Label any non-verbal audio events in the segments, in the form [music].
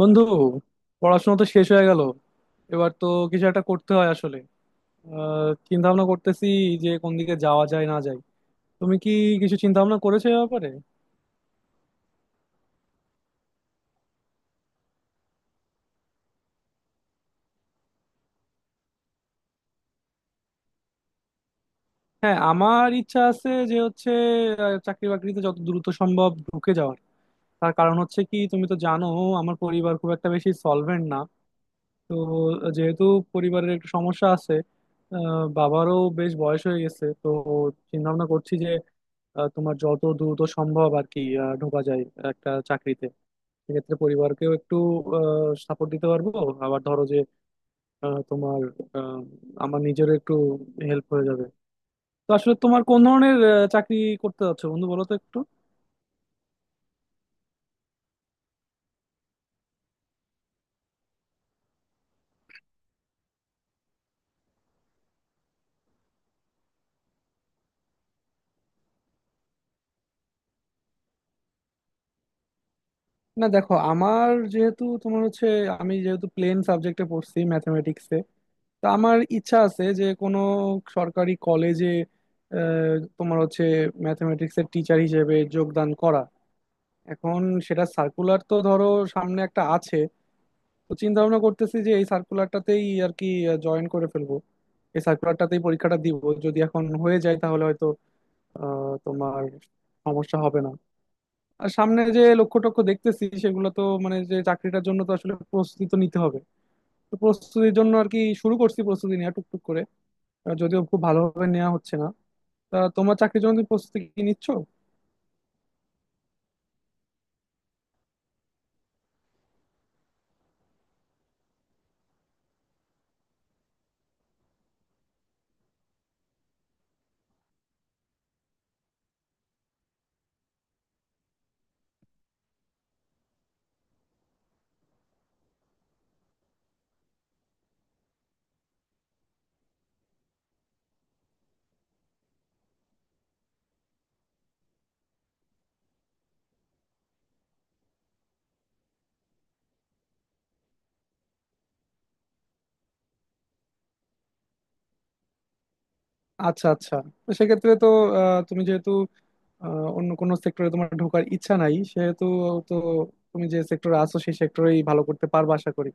বন্ধু, পড়াশোনা তো শেষ হয়ে গেল, এবার তো কিছু একটা করতে হয়। আসলে চিন্তা ভাবনা করতেছি যে কোন দিকে যাওয়া যায় না যায়। তুমি কি কিছু চিন্তা ভাবনা করেছো এ ব্যাপারে? হ্যাঁ, আমার ইচ্ছা আছে যে হচ্ছে চাকরি বাকরিতে যত দ্রুত সম্ভব ঢুকে যাওয়ার। তার কারণ হচ্ছে কি, তুমি তো জানো আমার পরিবার খুব একটা বেশি সলভেন্ট না। তো যেহেতু পরিবারের একটু সমস্যা আছে, বাবারও বেশ বয়স হয়ে গেছে, তো চিন্তা ভাবনা করছি তোমার যত দ্রুত সম্ভব আর কি ঢোকা যায় একটা চাকরিতে। সেক্ষেত্রে পরিবারকেও একটু সাপোর্ট দিতে পারবো। আবার ধরো যে তোমার আহ, আমার নিজেরও একটু হেল্প হয়ে যাবে। তো আসলে তোমার কোন ধরনের চাকরি করতে যাচ্ছো বন্ধু, বলো তো একটু। না দেখো, আমার যেহেতু তোমার হচ্ছে, আমি যেহেতু প্লেন সাবজেক্টে পড়ছি ম্যাথমেটিক্সে, তো আমার ইচ্ছা আছে যে কোনো সরকারি কলেজে তোমার হচ্ছে ম্যাথমেটিক্সের টিচার হিসেবে যোগদান করা। এখন সেটা সার্কুলার তো ধরো সামনে একটা আছে, তো চিন্তা ভাবনা করতেছি যে এই সার্কুলারটাতেই আর কি জয়েন করে ফেলবো, এই সার্কুলারটাতেই পরীক্ষাটা দিব। যদি এখন হয়ে যায় তাহলে হয়তো তোমার সমস্যা হবে না। আর সামনে যে লক্ষ্য টক্ষ্য দেখতেছি সেগুলো তো মানে যে চাকরিটার জন্য তো আসলে প্রস্তুতি তো নিতে হবে। তো প্রস্তুতির জন্য আর কি শুরু করছি প্রস্তুতি নেওয়া টুকটুক করে। যদিও খুব ভালোভাবে নেওয়া হচ্ছে না। তা তোমার চাকরির জন্য তুমি প্রস্তুতি কি নিচ্ছ? আচ্ছা আচ্ছা, তো সেক্ষেত্রে তো তুমি যেহেতু অন্য কোনো সেক্টরে তোমার ঢোকার ইচ্ছা নাই, সেহেতু তো তুমি যে সেক্টরে আছো সেই সেক্টরেই ভালো করতে পারবে আশা করি।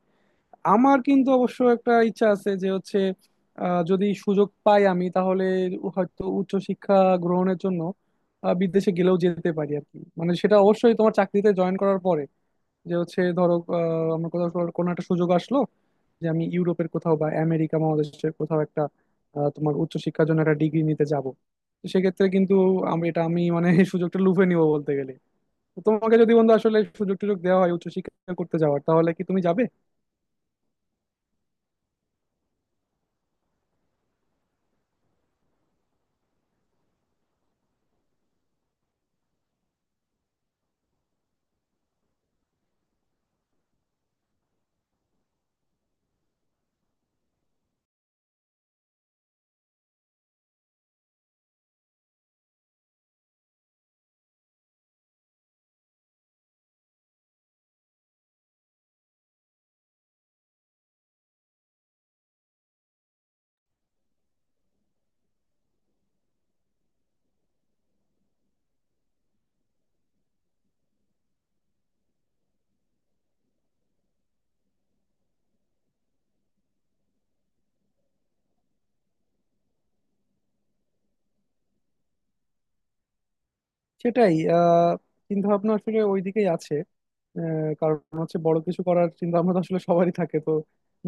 আমার কিন্তু অবশ্য একটা ইচ্ছা আছে যে হচ্ছে যদি সুযোগ পাই আমি, তাহলে হয়তো উচ্চশিক্ষা গ্রহণের জন্য বিদেশে গেলেও যেতে পারি আর কি। মানে সেটা অবশ্যই তোমার চাকরিতে জয়েন করার পরে, যে হচ্ছে ধরো আমার কোথাও কোনো একটা সুযোগ আসলো, যে আমি ইউরোপের কোথাও বা আমেরিকা মহাদেশের কোথাও একটা তোমার উচ্চশিক্ষার জন্য একটা ডিগ্রি নিতে যাব। তো সেক্ষেত্রে কিন্তু আমি এটা, আমি মানে [laughs] এই সুযোগটা লুফে নিব বলতে গেলে। তো তোমাকে যদি বন্ধু আসলে সুযোগ টুযোগ দেওয়া হয় উচ্চশিক্ষা করতে যাওয়ার, তাহলে কি তুমি যাবে? সেটাই আহ, চিন্তা ভাবনা আসলে ওইদিকেই আছে। কারণ হচ্ছে বড় কিছু করার চিন্তা ভাবনা তো আসলে সবারই থাকে। তো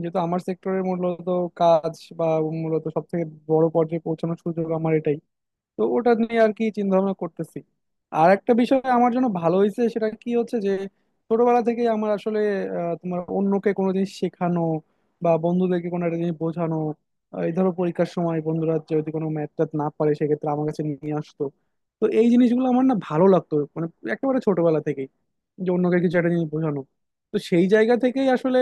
যেহেতু আমার সেক্টরের মূলত কাজ বা মূলত সব থেকে বড় পর্যায়ে পৌঁছানোর সুযোগ আমার এটাই, তো ওটা নিয়ে আর কি চিন্তা ভাবনা করতেছি। আর একটা বিষয় আমার জন্য ভালো হয়েছে, সেটা কি হচ্ছে যে ছোটবেলা থেকে আমার আসলে তোমার অন্যকে কোনো জিনিস শেখানো বা বন্ধুদেরকে কোনো একটা জিনিস বোঝানো, এই ধরো পরীক্ষার সময় বন্ধুরা যদি কোনো ম্যাথ ট্যাথ না পারে সেক্ষেত্রে আমার কাছে নিয়ে আসতো। তো এই জিনিসগুলো আমার না ভালো লাগতো, মানে একেবারে ছোটবেলা থেকেই, যে অন্যকে কিছু একটা জিনিস বোঝানো। তো সেই জায়গা থেকেই আসলে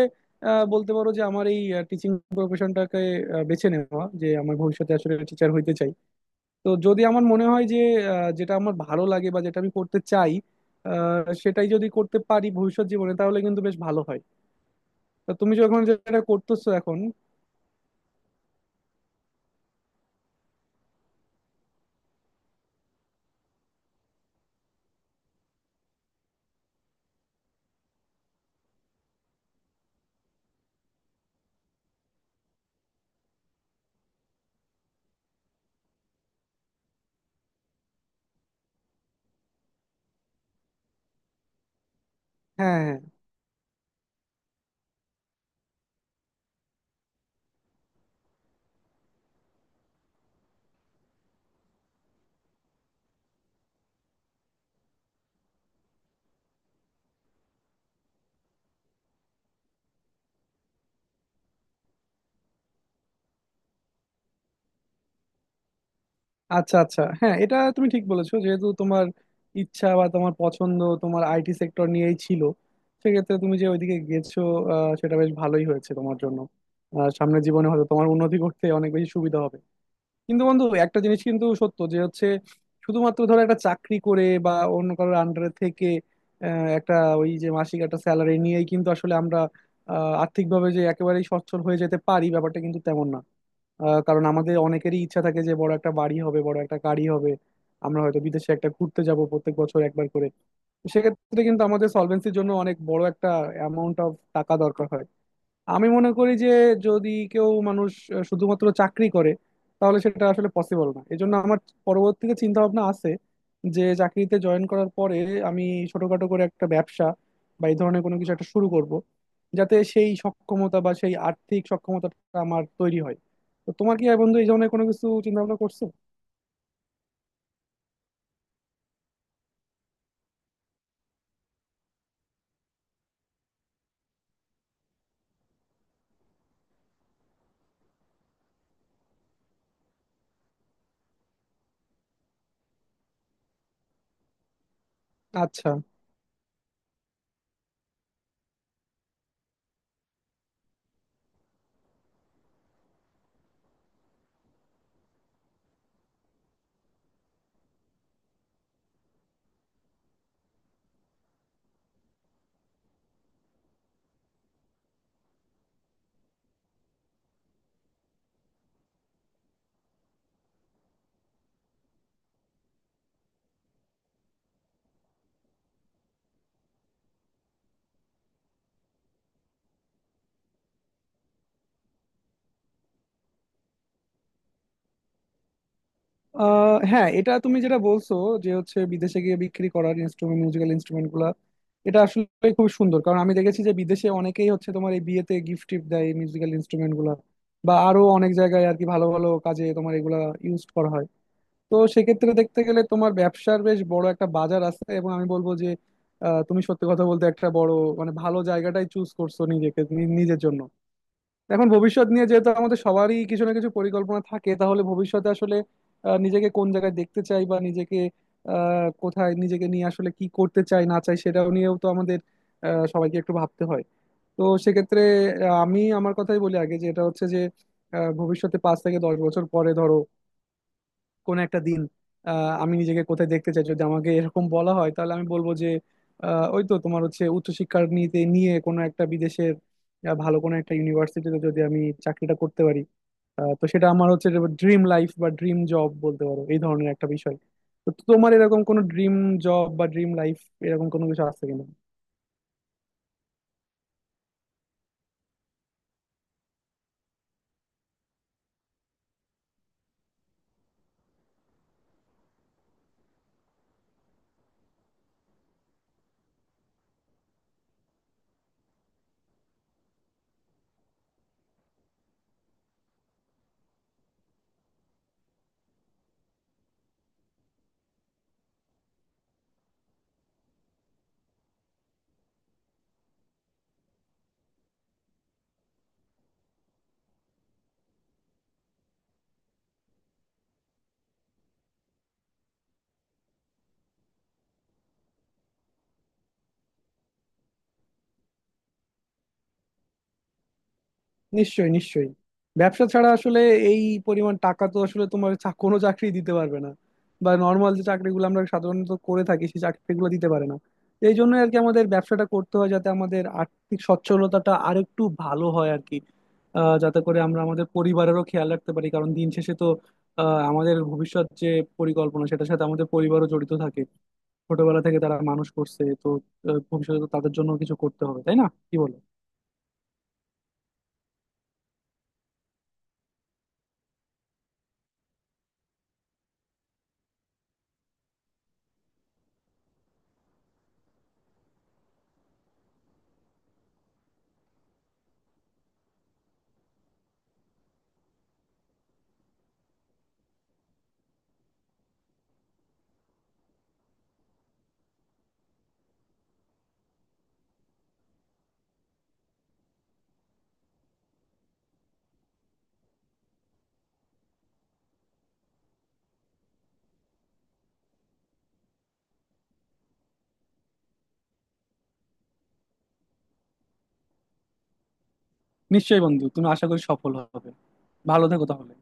বলতে পারো যে আমার এই টিচিং প্রফেশনটাকে বেছে নেওয়া, যে আমার ভবিষ্যতে আসলে টিচার হইতে চাই। তো যদি আমার মনে হয় যে যেটা আমার ভালো লাগে বা যেটা আমি করতে চাই, সেটাই যদি করতে পারি ভবিষ্যৎ জীবনে, তাহলে কিন্তু বেশ ভালো হয়। তো তুমি যখন যেটা করতেছো এখন। হ্যাঁ হ্যাঁ। আচ্ছা আচ্ছা, হ্যাঁ, এটা তুমি ঠিক বলেছো। যেহেতু তোমার ইচ্ছা বা তোমার পছন্দ তোমার আইটি সেক্টর নিয়েই ছিল, সেক্ষেত্রে তুমি যে ওইদিকে গেছো সেটা বেশ ভালোই হয়েছে তোমার জন্য। সামনের জীবনে হয়তো তোমার উন্নতি করতে অনেক বেশি সুবিধা হবে। কিন্তু বন্ধু, একটা জিনিস কিন্তু সত্য, যে হচ্ছে শুধুমাত্র ধরো একটা চাকরি করে বা অন্য কারোর আন্ডারে থেকে একটা ওই যে মাসিক একটা স্যালারি নিয়েই কিন্তু আসলে আমরা আর্থিকভাবে যে একেবারেই সচ্ছল হয়ে যেতে পারি, ব্যাপারটা কিন্তু তেমন না। কারণ আমাদের অনেকেরই ইচ্ছা থাকে যে বড় একটা বাড়ি হবে, বড় একটা গাড়ি হবে, আমরা হয়তো বিদেশে একটা ঘুরতে যাব প্রত্যেক বছর একবার করে। সেক্ষেত্রে কিন্তু আমাদের সলভেন্সির জন্য অনেক বড় একটা অ্যামাউন্ট অফ টাকা দরকার হয়। আমি মনে করি যে যদি কেউ মানুষ শুধুমাত্র চাকরি করে তাহলে সেটা আসলে পসিবল না। এজন্য আমার পরবর্তীতে চিন্তা ভাবনা আছে যে চাকরিতে জয়েন করার পরে আমি ছোটখাটো করে একটা ব্যবসা বা এই ধরনের কোনো কিছু একটা শুরু করব, যাতে সেই সক্ষমতা বা সেই আর্থিক সক্ষমতাটা আমার তৈরি হয়। তো তোমার কি বন্ধু এই ধরনের কোনো কিছু চিন্তা ভাবনা করছো? আচ্ছা। আহ হ্যাঁ, এটা তুমি যেটা বলছো যে হচ্ছে বিদেশে গিয়ে বিক্রি করার ইনস্ট্রুমেন্ট, মিউজিক্যাল ইনস্ট্রুমেন্ট গুলা, এটা আসলে খুব সুন্দর। কারণ আমি দেখেছি যে বিদেশে অনেকেই হচ্ছে তোমার এই বিয়েতে গিফট টিফট দেয় মিউজিক্যাল ইনস্ট্রুমেন্ট গুলা, বা আরো অনেক জায়গায় আর কি ভালো ভালো কাজে তোমার এগুলা ইউজ করা হয়। তো সেক্ষেত্রে দেখতে গেলে তোমার ব্যবসার বেশ বড় একটা বাজার আছে। এবং আমি বলবো যে তুমি সত্যি কথা বলতে একটা বড় মানে ভালো জায়গাটাই চুজ করছো নিজেকে, নি- নিজের জন্য। এখন ভবিষ্যৎ নিয়ে যেহেতু আমাদের সবারই কিছু না কিছু পরিকল্পনা থাকে, তাহলে ভবিষ্যতে আসলে নিজেকে কোন জায়গায় দেখতে চাই বা নিজেকে কোথায় নিজেকে নিয়ে আসলে কি করতে চাই না চাই, সেটাও নিয়েও তো আমাদের সবাইকে একটু ভাবতে হয়। তো সেক্ষেত্রে আমি আমার কথাই বলি আগে, যে এটা হচ্ছে যে ভবিষ্যতে 5 থেকে 10 বছর পরে ধরো কোন একটা দিন আমি নিজেকে কোথায় দেখতে চাই, যদি আমাকে এরকম বলা হয় তাহলে আমি বলবো যে ওই তো তোমার হচ্ছে উচ্চশিক্ষা নিতে নিয়ে কোনো একটা বিদেশের ভালো কোনো একটা ইউনিভার্সিটিতে যদি আমি চাকরিটা করতে পারি, তো সেটা আমার হচ্ছে ড্রিম লাইফ বা ড্রিম জব বলতে পারো, এই ধরনের একটা বিষয়। তো তোমার এরকম কোনো ড্রিম জব বা ড্রিম লাইফ এরকম কোনো কিছু আছে কিনা? নিশ্চয়ই, নিশ্চয়ই। ব্যবসা ছাড়া আসলে এই পরিমাণ টাকা তো আসলে তোমার চা- কোনো চাকরি দিতে পারবে না, বা নর্মাল যে চাকরিগুলো আমরা সাধারণত করে থাকি সেই চাকরিগুলো দিতে পারে না। এই জন্য আর কি আমাদের ব্যবসাটা করতে হয়, যাতে আমাদের আর্থিক সচ্ছলতাটা আরেকটু ভালো হয় আর কি। যাতে করে আমরা আমাদের পরিবারেরও খেয়াল রাখতে পারি। কারণ দিন শেষে তো আমাদের ভবিষ্যৎ যে পরিকল্পনা সেটার সাথে আমাদের পরিবারও জড়িত থাকে। ছোটবেলা থেকে তারা মানুষ করছে তো, ভবিষ্যতে তো তাদের জন্য কিছু করতে হবে, তাই না, কি বলো? নিশ্চয়ই বন্ধু, তুমি আশা করি সফল হবে। ভালো থেকো তাহলে।